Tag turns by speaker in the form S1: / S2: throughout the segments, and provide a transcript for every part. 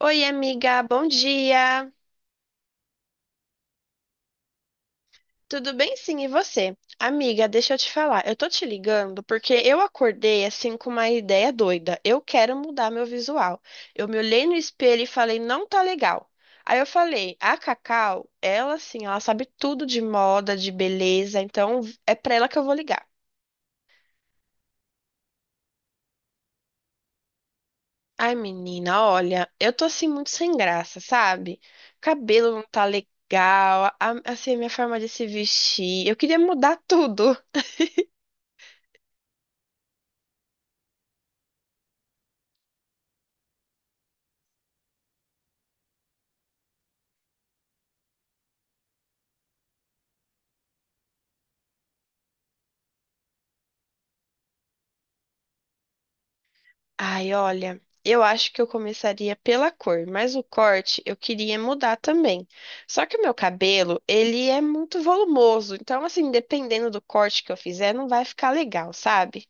S1: Oi, amiga, bom dia. Tudo bem? Sim, e você? Amiga, deixa eu te falar. Eu tô te ligando porque eu acordei assim com uma ideia doida. Eu quero mudar meu visual. Eu me olhei no espelho e falei, não tá legal. Aí eu falei, a Cacau, ela assim, ela sabe tudo de moda, de beleza, então é pra ela que eu vou ligar. Ai, menina, olha, eu tô assim muito sem graça, sabe? Cabelo não tá legal, assim, a minha forma de se vestir. Eu queria mudar tudo. Ai, olha, eu acho que eu começaria pela cor, mas o corte eu queria mudar também. Só que o meu cabelo, ele é muito volumoso, então assim, dependendo do corte que eu fizer, não vai ficar legal, sabe?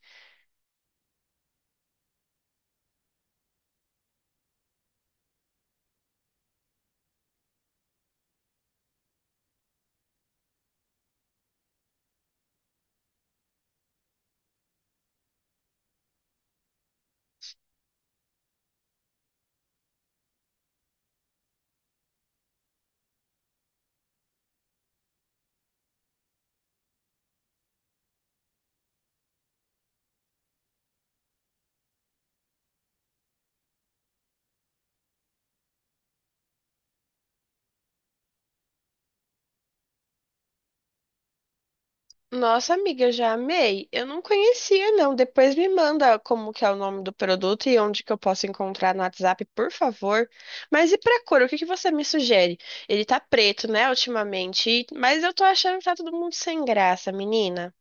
S1: Nossa, amiga, eu já amei. Eu não conhecia, não. Depois me manda como que é o nome do produto e onde que eu posso encontrar no WhatsApp, por favor. Mas e pra cor, o que que você me sugere? Ele tá preto, né, ultimamente, mas eu tô achando que tá todo mundo sem graça, menina.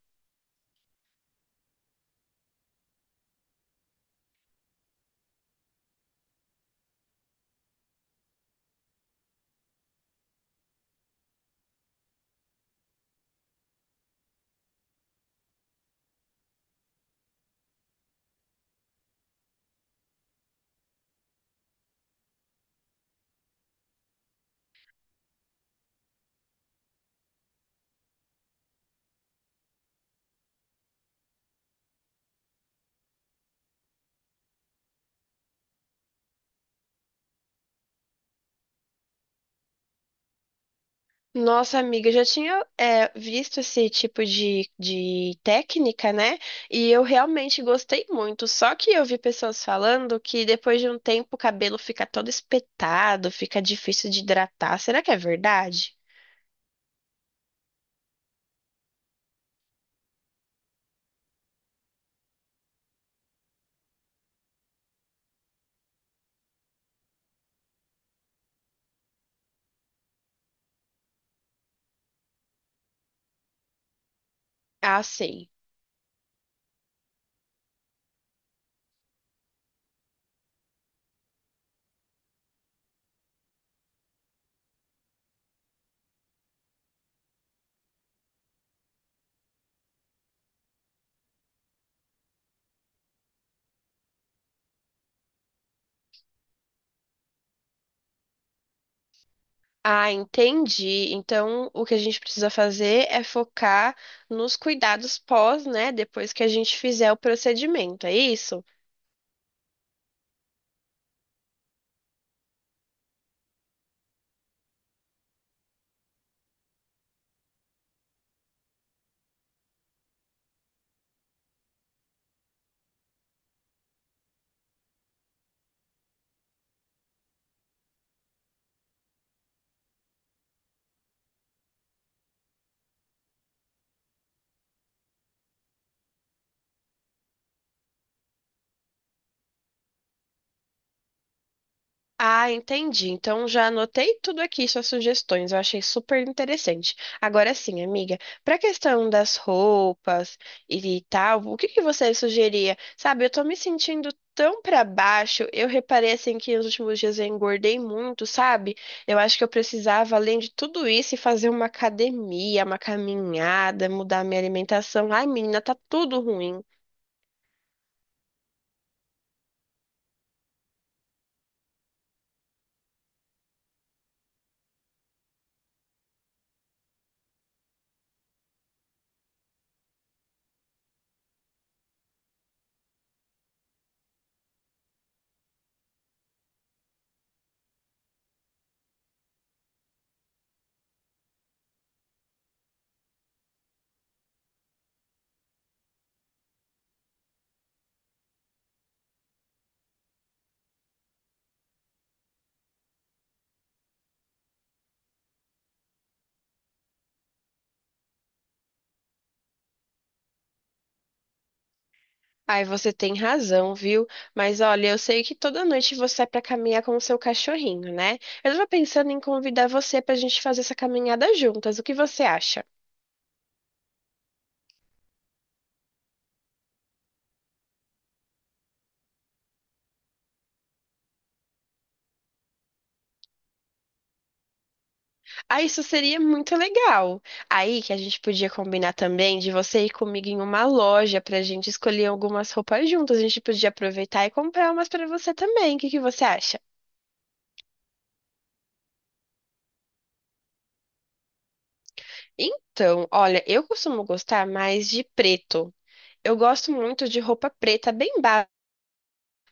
S1: Nossa, amiga, eu já tinha visto esse tipo de técnica, né? E eu realmente gostei muito. Só que eu vi pessoas falando que depois de um tempo o cabelo fica todo espetado, fica difícil de hidratar. Será que é verdade? Ah, sim. Ah, entendi. Então, o que a gente precisa fazer é focar nos cuidados pós, né? Depois que a gente fizer o procedimento, é isso? Ah, entendi. Então já anotei tudo aqui, suas sugestões. Eu achei super interessante. Agora sim, amiga, para a questão das roupas e tal, o que que você sugeria? Sabe, eu tô me sentindo tão para baixo. Eu reparei assim que nos últimos dias eu engordei muito, sabe? Eu acho que eu precisava, além de tudo isso, ir fazer uma academia, uma caminhada, mudar minha alimentação. Ai, menina, tá tudo ruim. Ai, você tem razão, viu? Mas olha, eu sei que toda noite você é pra caminhar com o seu cachorrinho, né? Eu tava pensando em convidar você pra gente fazer essa caminhada juntas. O que você acha? Ah, isso seria muito legal. Aí que a gente podia combinar também de você ir comigo em uma loja pra gente escolher algumas roupas juntas. A gente podia aproveitar e comprar umas pra você também. O que que você acha? Então, olha, eu costumo gostar mais de preto. Eu gosto muito de roupa preta bem básica.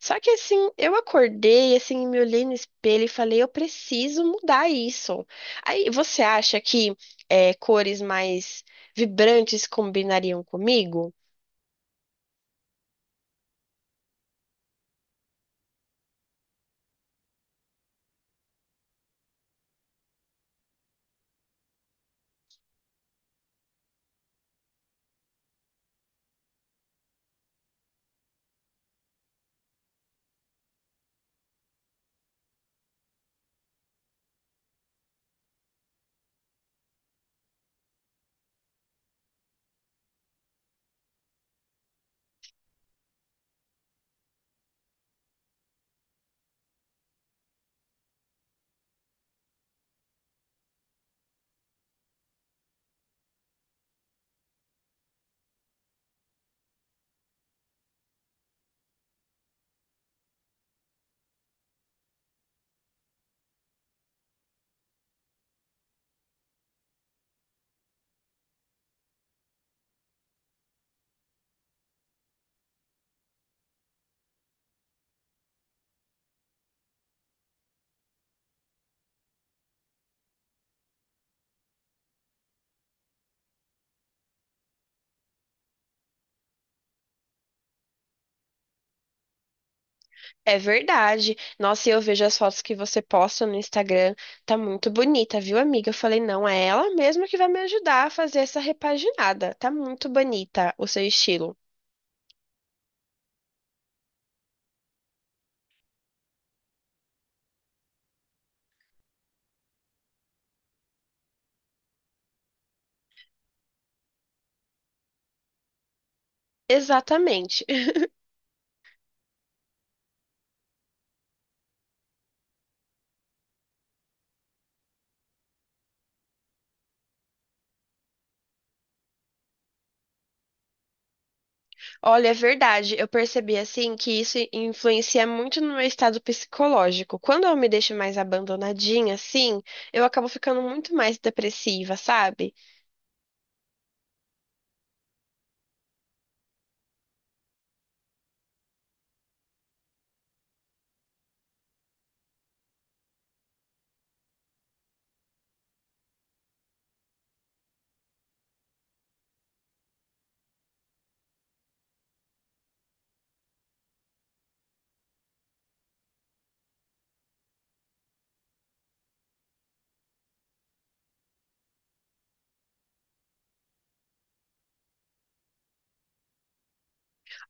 S1: Só que assim, eu acordei, assim, me olhei no espelho e falei, eu preciso mudar isso. Aí, você acha que cores mais vibrantes combinariam comigo? É verdade. Nossa, e eu vejo as fotos que você posta no Instagram, tá muito bonita, viu, amiga? Eu falei, não, é ela mesma que vai me ajudar a fazer essa repaginada. Tá muito bonita o seu estilo. Exatamente. Olha, é verdade. Eu percebi assim que isso influencia muito no meu estado psicológico. Quando eu me deixo mais abandonadinha, assim, eu acabo ficando muito mais depressiva, sabe?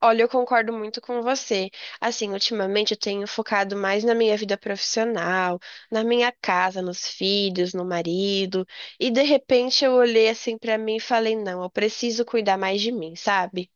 S1: Olha, eu concordo muito com você. Assim, ultimamente eu tenho focado mais na minha vida profissional, na minha casa, nos filhos, no marido, e de repente eu olhei assim pra mim e falei, não, eu preciso cuidar mais de mim, sabe?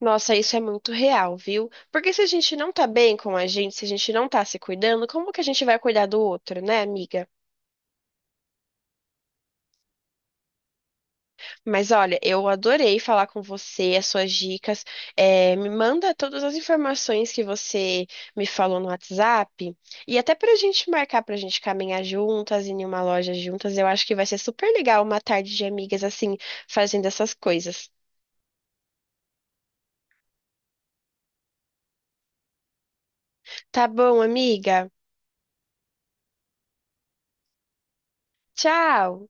S1: Nossa, isso é muito real, viu? Porque se a gente não tá bem com a gente, se a gente não tá se cuidando, como que a gente vai cuidar do outro, né, amiga? Mas olha, eu adorei falar com você, as suas dicas. É, me manda todas as informações que você me falou no WhatsApp. E até pra gente marcar, pra gente caminhar juntas, ir em uma loja juntas, eu acho que vai ser super legal uma tarde de amigas assim, fazendo essas coisas. Tá bom, amiga? Tchau!